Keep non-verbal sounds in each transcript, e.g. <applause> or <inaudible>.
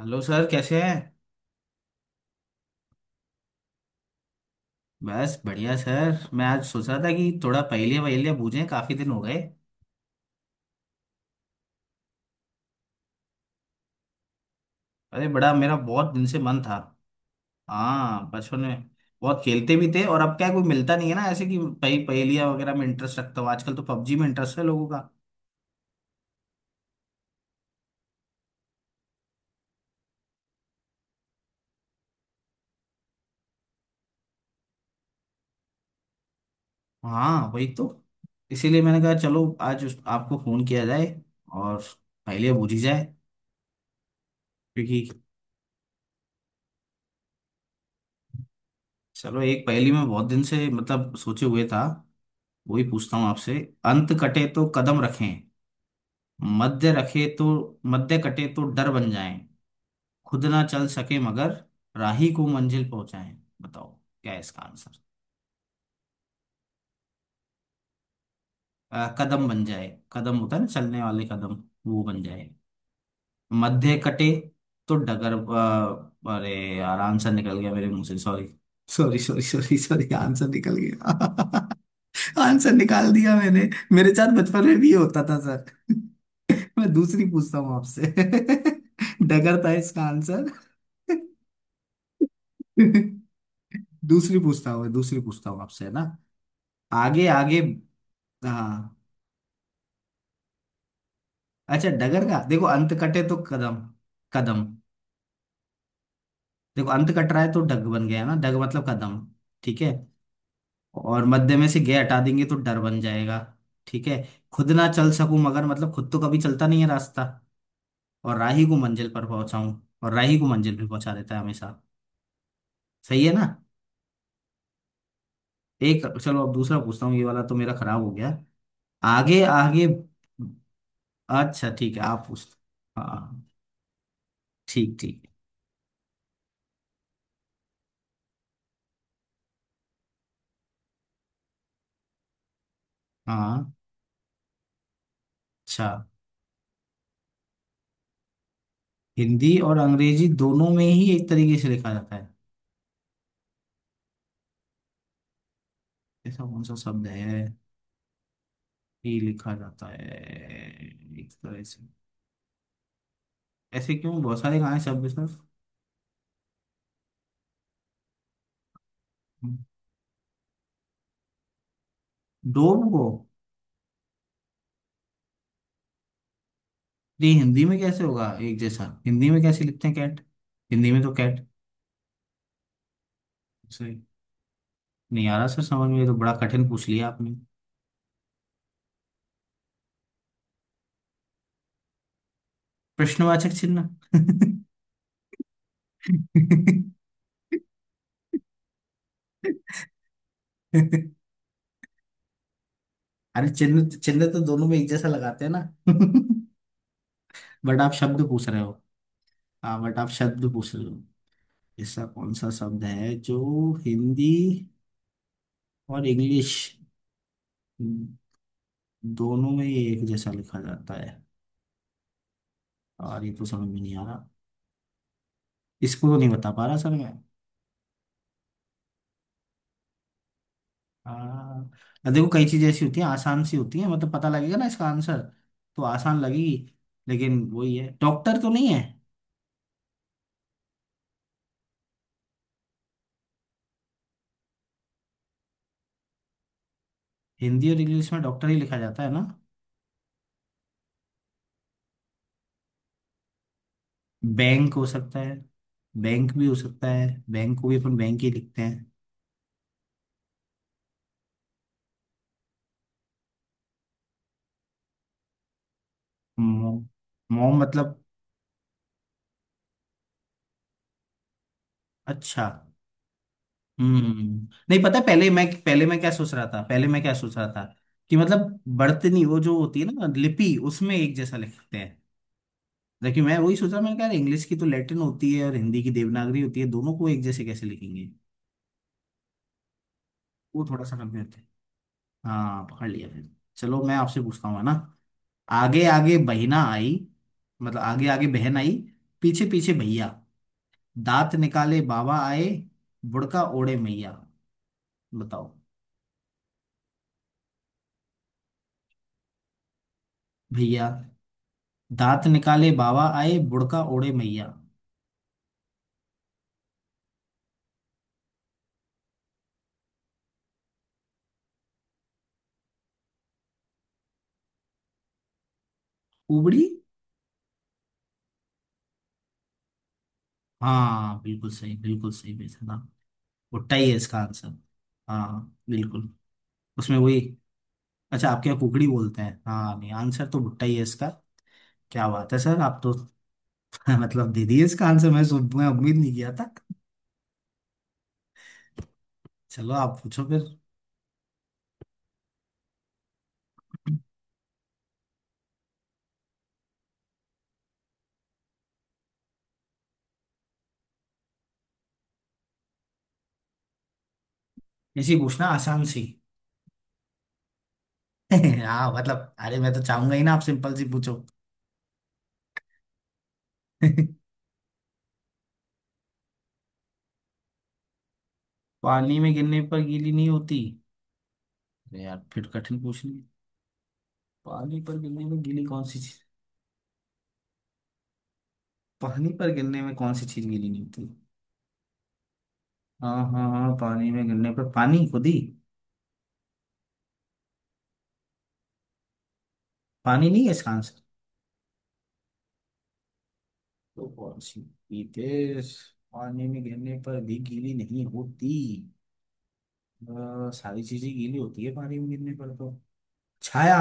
Hello sir, कैसे हैं। बस बढ़िया सर, मैं आज सोचा था कि थोड़ा पहेलियाँ वहेलियाँ बूझें, काफ़ी दिन हो गए। अरे, बड़ा मेरा बहुत दिन से मन था। हाँ, बचपन में बहुत खेलते भी थे, और अब क्या है, कोई मिलता नहीं है ना ऐसे कि पहेलियाँ वगैरह में इंटरेस्ट रखता हूँ। आजकल तो पबजी में इंटरेस्ट है लोगों का। हाँ, वही तो। इसीलिए मैंने कहा चलो आज आपको फ़ोन किया जाए और पहेलियाँ बूझी जाए। क्योंकि चलो, एक पहेली में बहुत दिन से मतलब सोचे हुए था, वही पूछता हूँ आपसे। अंत कटे तो कदम रखें, मध्य रखे तो, मध्य कटे तो डर बन जाएं, खुद ना चल सके मगर राही को मंजिल पहुंचाएं। बताओ क्या है इसका आंसर। कदम बन जाए। कदम होता है ना, चलने वाले कदम, वो बन जाए। मध्य कटे तो डगर अरे यार, आंसर निकल गया मेरे मुंह से। Sorry sorry sorry sorry sorry, answer निकल गया। <laughs> आंसर निकाल दिया मैंने। मेरे साथ बचपन में भी ये होता था सर। <laughs> मैं दूसरी पूछता हूँ आपसे। <laughs> डगर था इसका आंसर। <laughs> दूसरी पूछता हूँ आपसे, है ना। आगे आगे। हाँ। अच्छा, डगर का देखो, अंत कटे तो कदम। कदम। देखो अंत कट रहा है तो डग बन गया ना, डग मतलब कदम। ठीक है। और मध्य में से गे हटा देंगे तो डर बन जाएगा। ठीक है। खुद ना चल सकूं मगर, मतलब खुद तो कभी चलता नहीं है रास्ता, और राही को मंजिल पर पहुंचाऊं। और राही को मंजिल पे पहुंचा देता है हमेशा। सही है ना। एक, चलो अब दूसरा पूछता हूँ, ये वाला तो मेरा खराब हो गया। आगे आगे। अच्छा, ठीक है, आप पूछ। हाँ, ठीक ठीक। हाँ। अच्छा। हिंदी और अंग्रेजी दोनों में ही एक तरीके से लिखा जाता है, ऐसा कौन सा शब्द है ही लिखा जाता है एक तरह से। ऐसे क्यों, बहुत सारे कहाँ हैं, सब बिजनेस। डोम को। ये हिंदी में कैसे होगा एक जैसा, हिंदी में कैसे लिखते हैं कैट। हिंदी में तो कैट। सही। नहीं आ रहा सर समझ में, ये तो बड़ा कठिन पूछ लिया आपने। प्रश्नवाचक चिन्ह। <laughs> अरे चिन्ह, चिन्ह तो दोनों में एक जैसा लगाते हैं ना। <laughs> बट आप शब्द पूछ रहे हो। हाँ, बट आप शब्द पूछ रहे हो। ऐसा कौन सा शब्द है जो हिंदी और इंग्लिश दोनों में ये एक जैसा लिखा जाता है। और ये तो समझ में नहीं आ रहा। इसको तो नहीं बता पा रहा सर मैं। देखो कई चीजें ऐसी होती हैं आसान सी होती हैं, मतलब पता लगेगा ना इसका आंसर तो आसान लगेगी। लेकिन वही है, डॉक्टर तो नहीं है। हिंदी और इंग्लिश में डॉक्टर ही लिखा जाता है ना। बैंक हो सकता है। बैंक भी हो सकता है, बैंक को भी अपन बैंक ही लिखते हैं। मोम। मोम मतलब। अच्छा। हम्म, नहीं पता है। पहले मैं क्या सोच रहा था पहले मैं क्या सोच रहा था कि मतलब बर्तनी, वो जो होती है ना लिपि, उसमें एक जैसा लिखते हैं। जबकि मैं वही सोच रहा, मैंने कहा यार, इंग्लिश की तो लैटिन होती है और हिंदी की देवनागरी होती है, दोनों को एक जैसे कैसे लिखेंगे। वो थोड़ा सा कंफ्यूज थे। हाँ, पकड़ लिया फिर। चलो मैं आपसे पूछता हूँ, है ना। आगे आगे बहना आई, मतलब आगे आगे बहन आई, पीछे पीछे भैया, दांत निकाले बाबा आए, बुड़का ओढ़े मैया। बताओ। भैया दांत निकाले बाबा आए बुड़का ओढ़े मैया। उबड़ी। हाँ, बिल्कुल सही बेटा, भुट्टा ही है इसका आंसर। हाँ, बिल्कुल। उसमें वही। अच्छा, आपके यहाँ कुकड़ी बोलते हैं, हाँ, नहीं आंसर तो भुट्टा ही है इसका। क्या बात है सर, आप तो <laughs> मतलब दे दिए इसका आंसर, मैं मैं उम्मीद नहीं किया था। चलो आप पूछो फिर। ऐसी पूछना आसान सी। <laughs> हाँ मतलब, अरे मैं तो चाहूंगा ही ना आप सिंपल सी पूछो। <laughs> पानी में गिरने पर गीली नहीं होती। अरे यार, फिर कठिन पूछ। पानी पर गिरने में गीली कौन सी चीज। पानी पर गिरने में कौन सी चीज गीली नहीं होती। हाँ हाँ हाँ, पानी में गिरने पर पानी खुद ही। पानी नहीं है इसका आंसर। तो कौन सी पीतेस। पानी में गिरने पर भी गीली नहीं होती। सारी चीजें गीली होती है पानी में गिरने पर तो। छाया।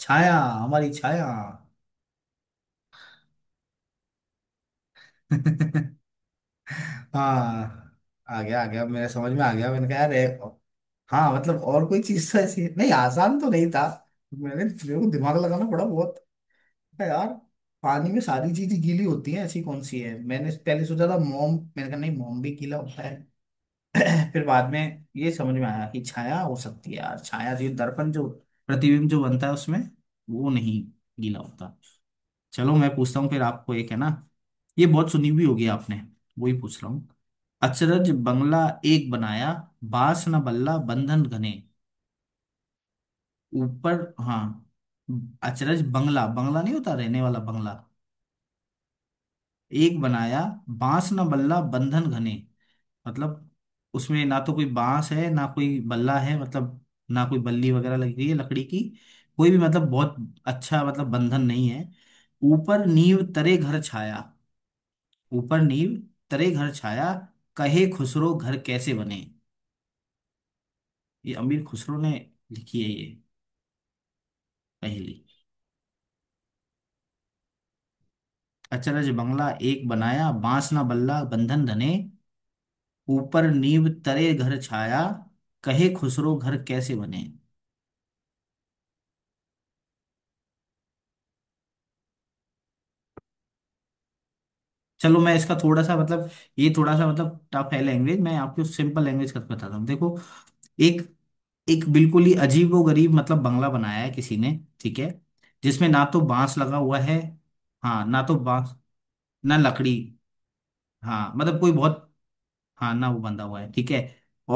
छाया, हमारी छाया। हाँ, आ गया मेरे समझ में आ गया, मैंने कहा यार ये-। हाँ मतलब और कोई चीज तो ऐसी नहीं, आसान तो नहीं था, मैंने मेरे को दिमाग लगाना पड़ा बहुत। अरे यार, पानी में सारी चीजें गीली होती हैं, ऐसी कौन सी है। मैंने पहले सोचा था मोम, मैंने कहा नहीं, मोम भी गीला होता है। <clears throat> फिर बाद में ये समझ में आया कि छाया हो सकती है यार, छाया जो दर्पण जो प्रतिबिंब जो बनता है उसमें, वो नहीं गीला होता। चलो मैं पूछता हूँ फिर आपको एक, है ना। ये बहुत सुनी हुई होगी आपने, वही पूछ रहा हूँ। अचरज बंगला एक बनाया, बांस न बल्ला बंधन घने, ऊपर। हाँ, अचरज बंगला, बंगला नहीं होता रहने वाला बंगला, एक बनाया बांस न बल्ला बंधन घने, मतलब उसमें ना तो कोई बांस है ना कोई बल्ला है, मतलब ना कोई बल्ली वगैरह लगी हुई है लकड़ी की, कोई भी मतलब बहुत। अच्छा मतलब बंधन नहीं है। ऊपर नींव तरे घर छाया। ऊपर नींव तरे घर छाया, कहे खुसरो घर कैसे बने। ये अमीर खुसरो ने लिखी है ये पहली। अचरज बंगला एक बनाया बांस न बल्ला बंधन घने, ऊपर नींव तरे घर छाया, कहे खुसरो घर कैसे बने। चलो मैं इसका थोड़ा सा मतलब, ये थोड़ा सा मतलब टफ है लैंग्वेज, मैं आपको सिंपल लैंग्वेज करके बताता हूँ। देखो, एक एक बिल्कुल ही अजीबोगरीब मतलब बंगला बनाया है किसी ने। ठीक है। जिसमें ना तो बांस लगा हुआ है। हाँ, ना तो बांस ना लकड़ी। हाँ मतलब कोई बहुत। हाँ ना वो बंधा हुआ है। ठीक है।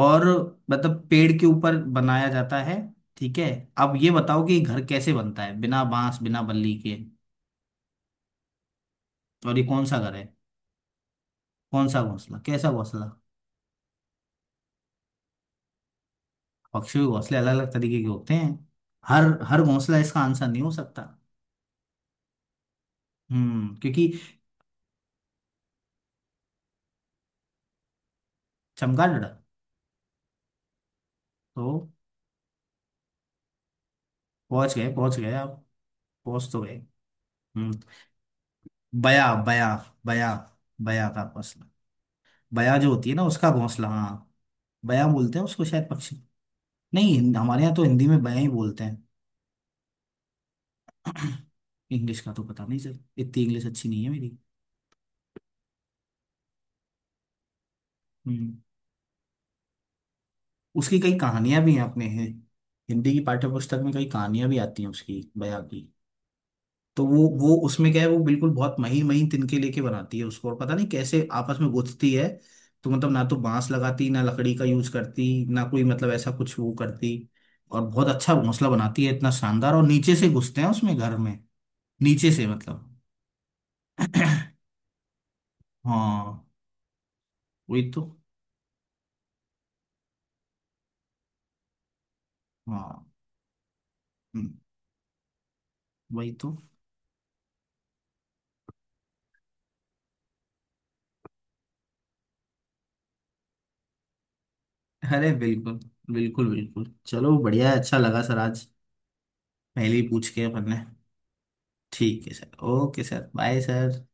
और मतलब पेड़ के ऊपर बनाया जाता है। ठीक है, अब ये बताओ कि ये घर कैसे बनता है बिना बांस बिना बल्ली के, और ये कौन सा घर है। कौन सा घोंसला, कैसा घोंसला। पक्षियों के घोंसले अलग अलग तरीके के होते हैं, हर हर घोंसला इसका आंसर नहीं हो सकता। हम्म, क्योंकि। चमगादड़। तो पहुंच गए आप, पहुंच तो गए। हम्म। बया बया। बया। बया का घोंसला। बया जो होती है ना उसका घोंसला, हाँ। बया बोलते हैं उसको शायद पक्षी। नहीं हमारे यहाँ तो हिंदी में बया ही बोलते हैं। इंग्लिश का तो पता नहीं सर, इतनी इंग्लिश अच्छी नहीं है मेरी। हम्म। उसकी कई कहानियां भी हैं अपने हैं। हिंदी की पाठ्य पुस्तक में कई कहानियां भी आती हैं उसकी, बया की। तो वो उसमें क्या है, वो बिल्कुल बहुत महीन महीन तिनके लेके बनाती है उसको, और पता नहीं कैसे आपस में गुथती है। तो मतलब ना तो बांस लगाती, ना लकड़ी का यूज करती, ना कोई मतलब ऐसा कुछ वो करती, और बहुत अच्छा घोंसला बनाती है इतना शानदार, और नीचे से घुसते हैं उसमें घर में। नीचे से मतलब, हाँ वही तो। हाँ। हम्म, वही तो। अरे बिल्कुल बिल्कुल बिल्कुल, चलो बढ़िया है, अच्छा लगा सर आज पहले ही पूछ के अपन ने। ठीक है sir, okay sir, bye sir.